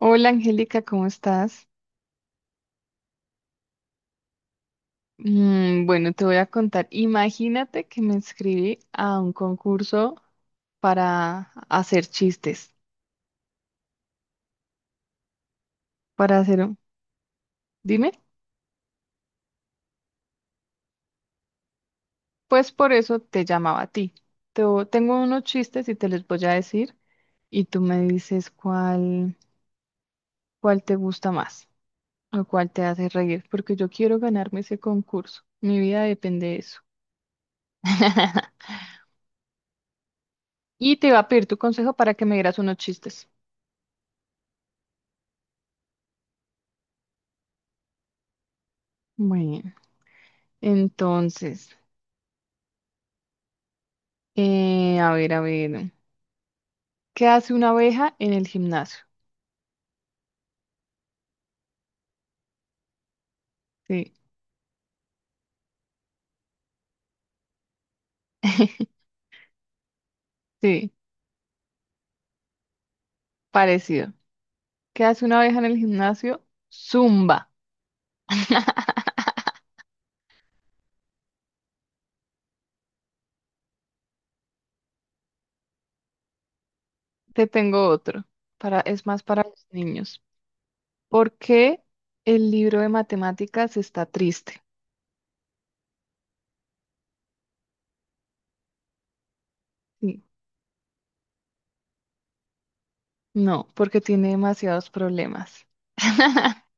Hola, Angélica, ¿cómo estás? Bueno, te voy a contar. Imagínate que me inscribí a un concurso para hacer chistes, para hacer un... Dime, pues por eso te llamaba a ti. Tengo unos chistes y te los voy a decir y tú me dices cuál, cuál te gusta más o cuál te hace reír, porque yo quiero ganarme ese concurso. Mi vida depende de eso. Y te iba a pedir tu consejo para que me dieras unos chistes. Bueno, entonces... A ver, a ver. ¿Qué hace una abeja en el gimnasio? Sí. Sí, parecido. ¿Qué hace una abeja en el gimnasio? Zumba. Te tengo otro. Para, es más para los niños. ¿Por qué el libro de matemáticas está triste? Sí. No, porque tiene demasiados problemas.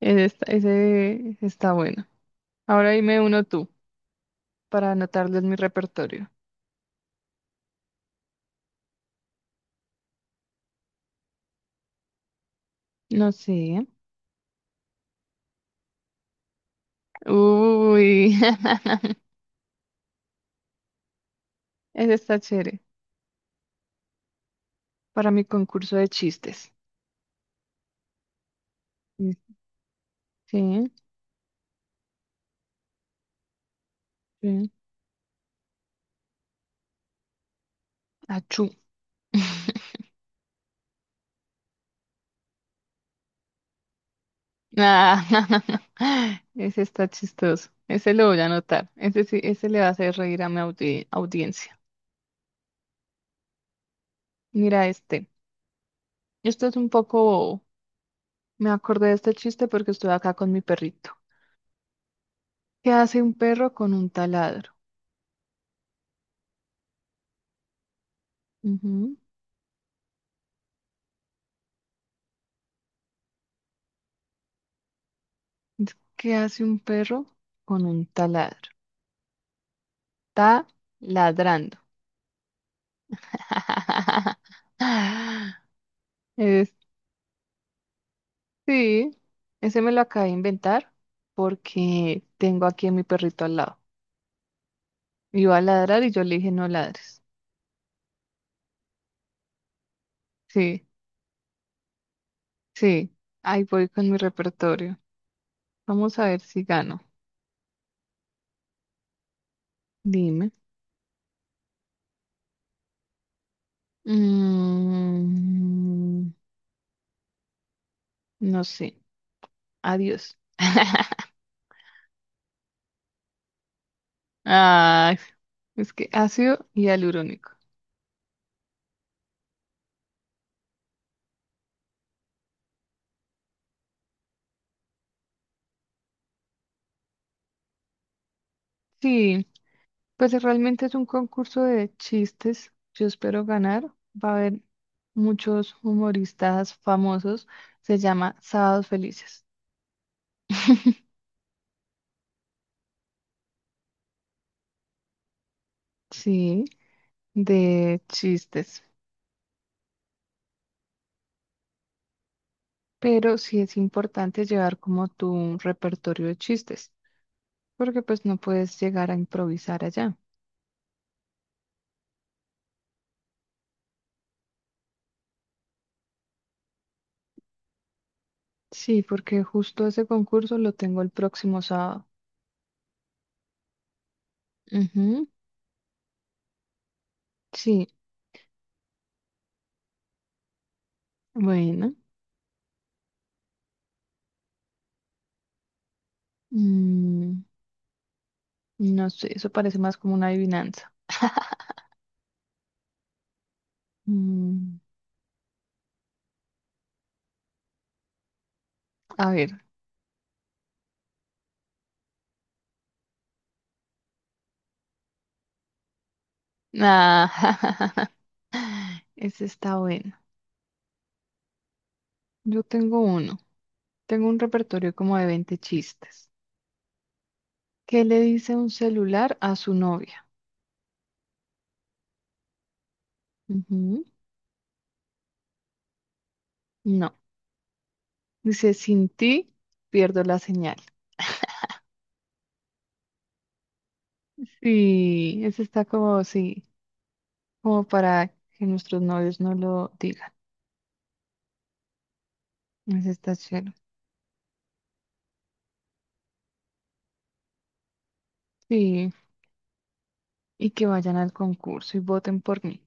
Ese está bueno. Ahora dime uno tú, para anotarlo en mi repertorio. No sé. Uy. Ese está chévere, para mi concurso de chistes. Mm, sí, sí. Achú. Ah. Ese está chistoso. Ese lo voy a anotar. Ese sí, ese le va a hacer reír a mi audiencia. Mira este. Esto es un poco. Me acordé de este chiste porque estuve acá con mi perrito. ¿Qué hace un perro con un taladro? Ujú. ¿Qué hace un perro con un taladro? Está ladrando. Es. Sí, ese me lo acabé de inventar porque tengo aquí a mi perrito al lado. Iba a ladrar y yo le dije no ladres. Sí, sí, ahí voy con mi repertorio. Vamos a ver si gano. Dime. Mm, no sé. Adiós. Ay, es que ácido y alurónico. Sí. Pues realmente es un concurso de chistes. Yo espero ganar. Va a haber muchos humoristas famosos. Se llama Sábados Felices. Sí, de chistes. Pero sí es importante llevar como tu repertorio de chistes, porque pues no puedes llegar a improvisar allá. Sí, porque justo ese concurso lo tengo el próximo sábado. Ujú, sí, bueno. mm, no sé, eso parece más como una adivinanza. Mm, a ver. Ah. Ese está bueno. Yo tengo uno. Tengo un repertorio como de 20 chistes. ¿Qué le dice un celular a su novia? Ujú. No. Dice, sin ti pierdo la señal. Sí, ese está como, sí, como para que nuestros novios no lo digan. Ese está chévere. Sí, y que vayan al concurso y voten por mí.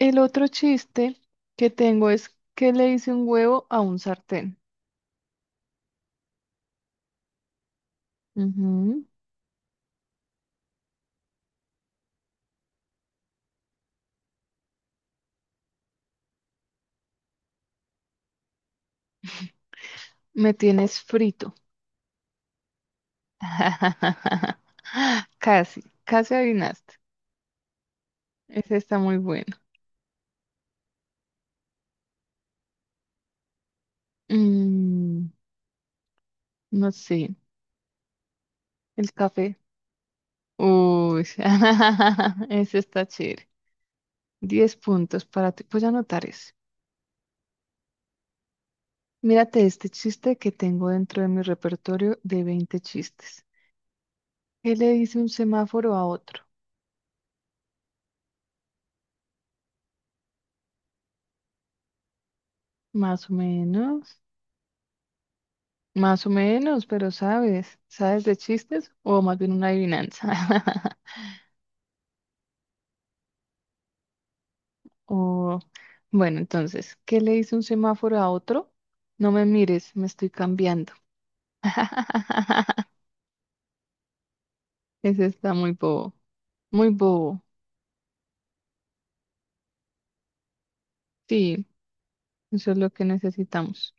El otro chiste que tengo es, ¿qué le dice un huevo a un sartén? Ujú. Me tienes frito. Casi, casi adivinaste. Ese está muy bueno. Mm, no sé, el café. Uy. Ese está chévere. 10 puntos para ti. Voy a anotar ese. Mírate este chiste que tengo dentro de mi repertorio de 20 chistes. ¿Qué le dice un semáforo a otro? Más o menos, más o menos, pero sabes, ¿sabes de chistes o más bien una adivinanza? O bueno, entonces, ¿qué le dice un semáforo a otro? No me mires, me estoy cambiando. Ese está muy bobo, muy bobo. Sí, eso es lo que necesitamos.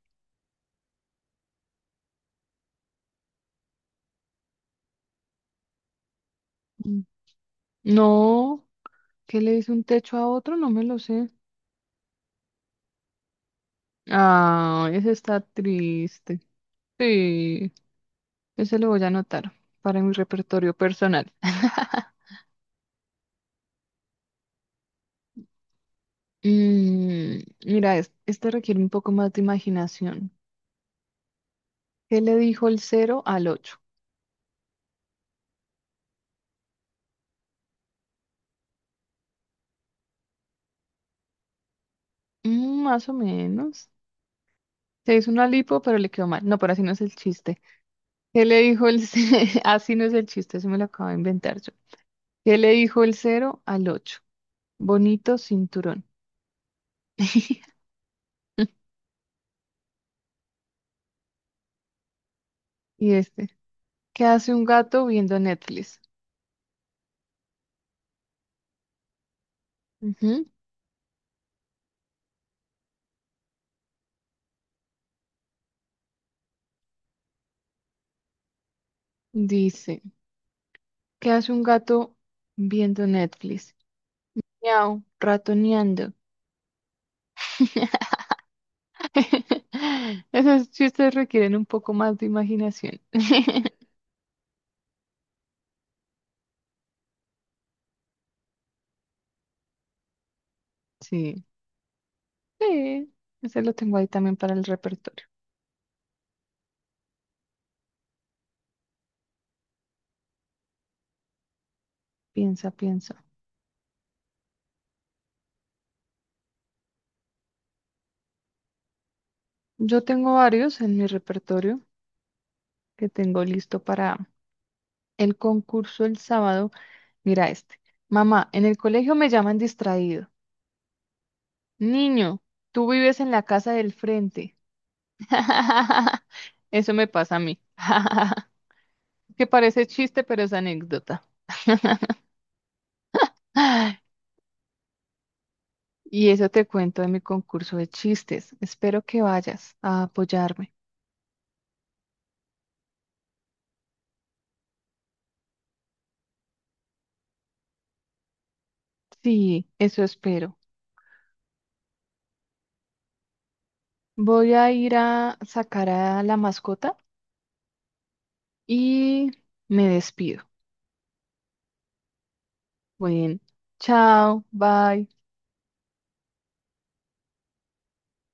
Mm. No, ¿qué le dice un techo a otro? No me lo sé. Ah, ese está triste. Sí, ese lo voy a anotar para mi repertorio personal. Mm, mira, este requiere un poco más de imaginación. ¿Qué le dijo el cero al ocho? Mm, más o menos. Se hizo una lipo, pero le quedó mal. No, pero así no es el chiste. ¿Qué le dijo el Así no es el chiste, eso me lo acabo de inventar yo. ¿Qué le dijo el cero al ocho? Bonito cinturón. Y este, ¿qué hace un gato viendo Netflix? Ujú. Dice, ¿qué hace un gato viendo Netflix? Miau, ratoneando. Esos chistes requieren un poco más de imaginación. Sí. Sí, ese lo tengo ahí también para el repertorio. Piensa, piensa. Yo tengo varios en mi repertorio que tengo listo para el concurso el sábado. Mira este. Mamá, en el colegio me llaman distraído. Niño, tú vives en la casa del frente. Eso me pasa a mí. Que parece chiste, pero es anécdota. Ay, y eso te cuento de mi concurso de chistes. Espero que vayas a apoyarme. Sí, eso espero. Voy a ir a sacar a la mascota y me despido. Bueno, chao, bye.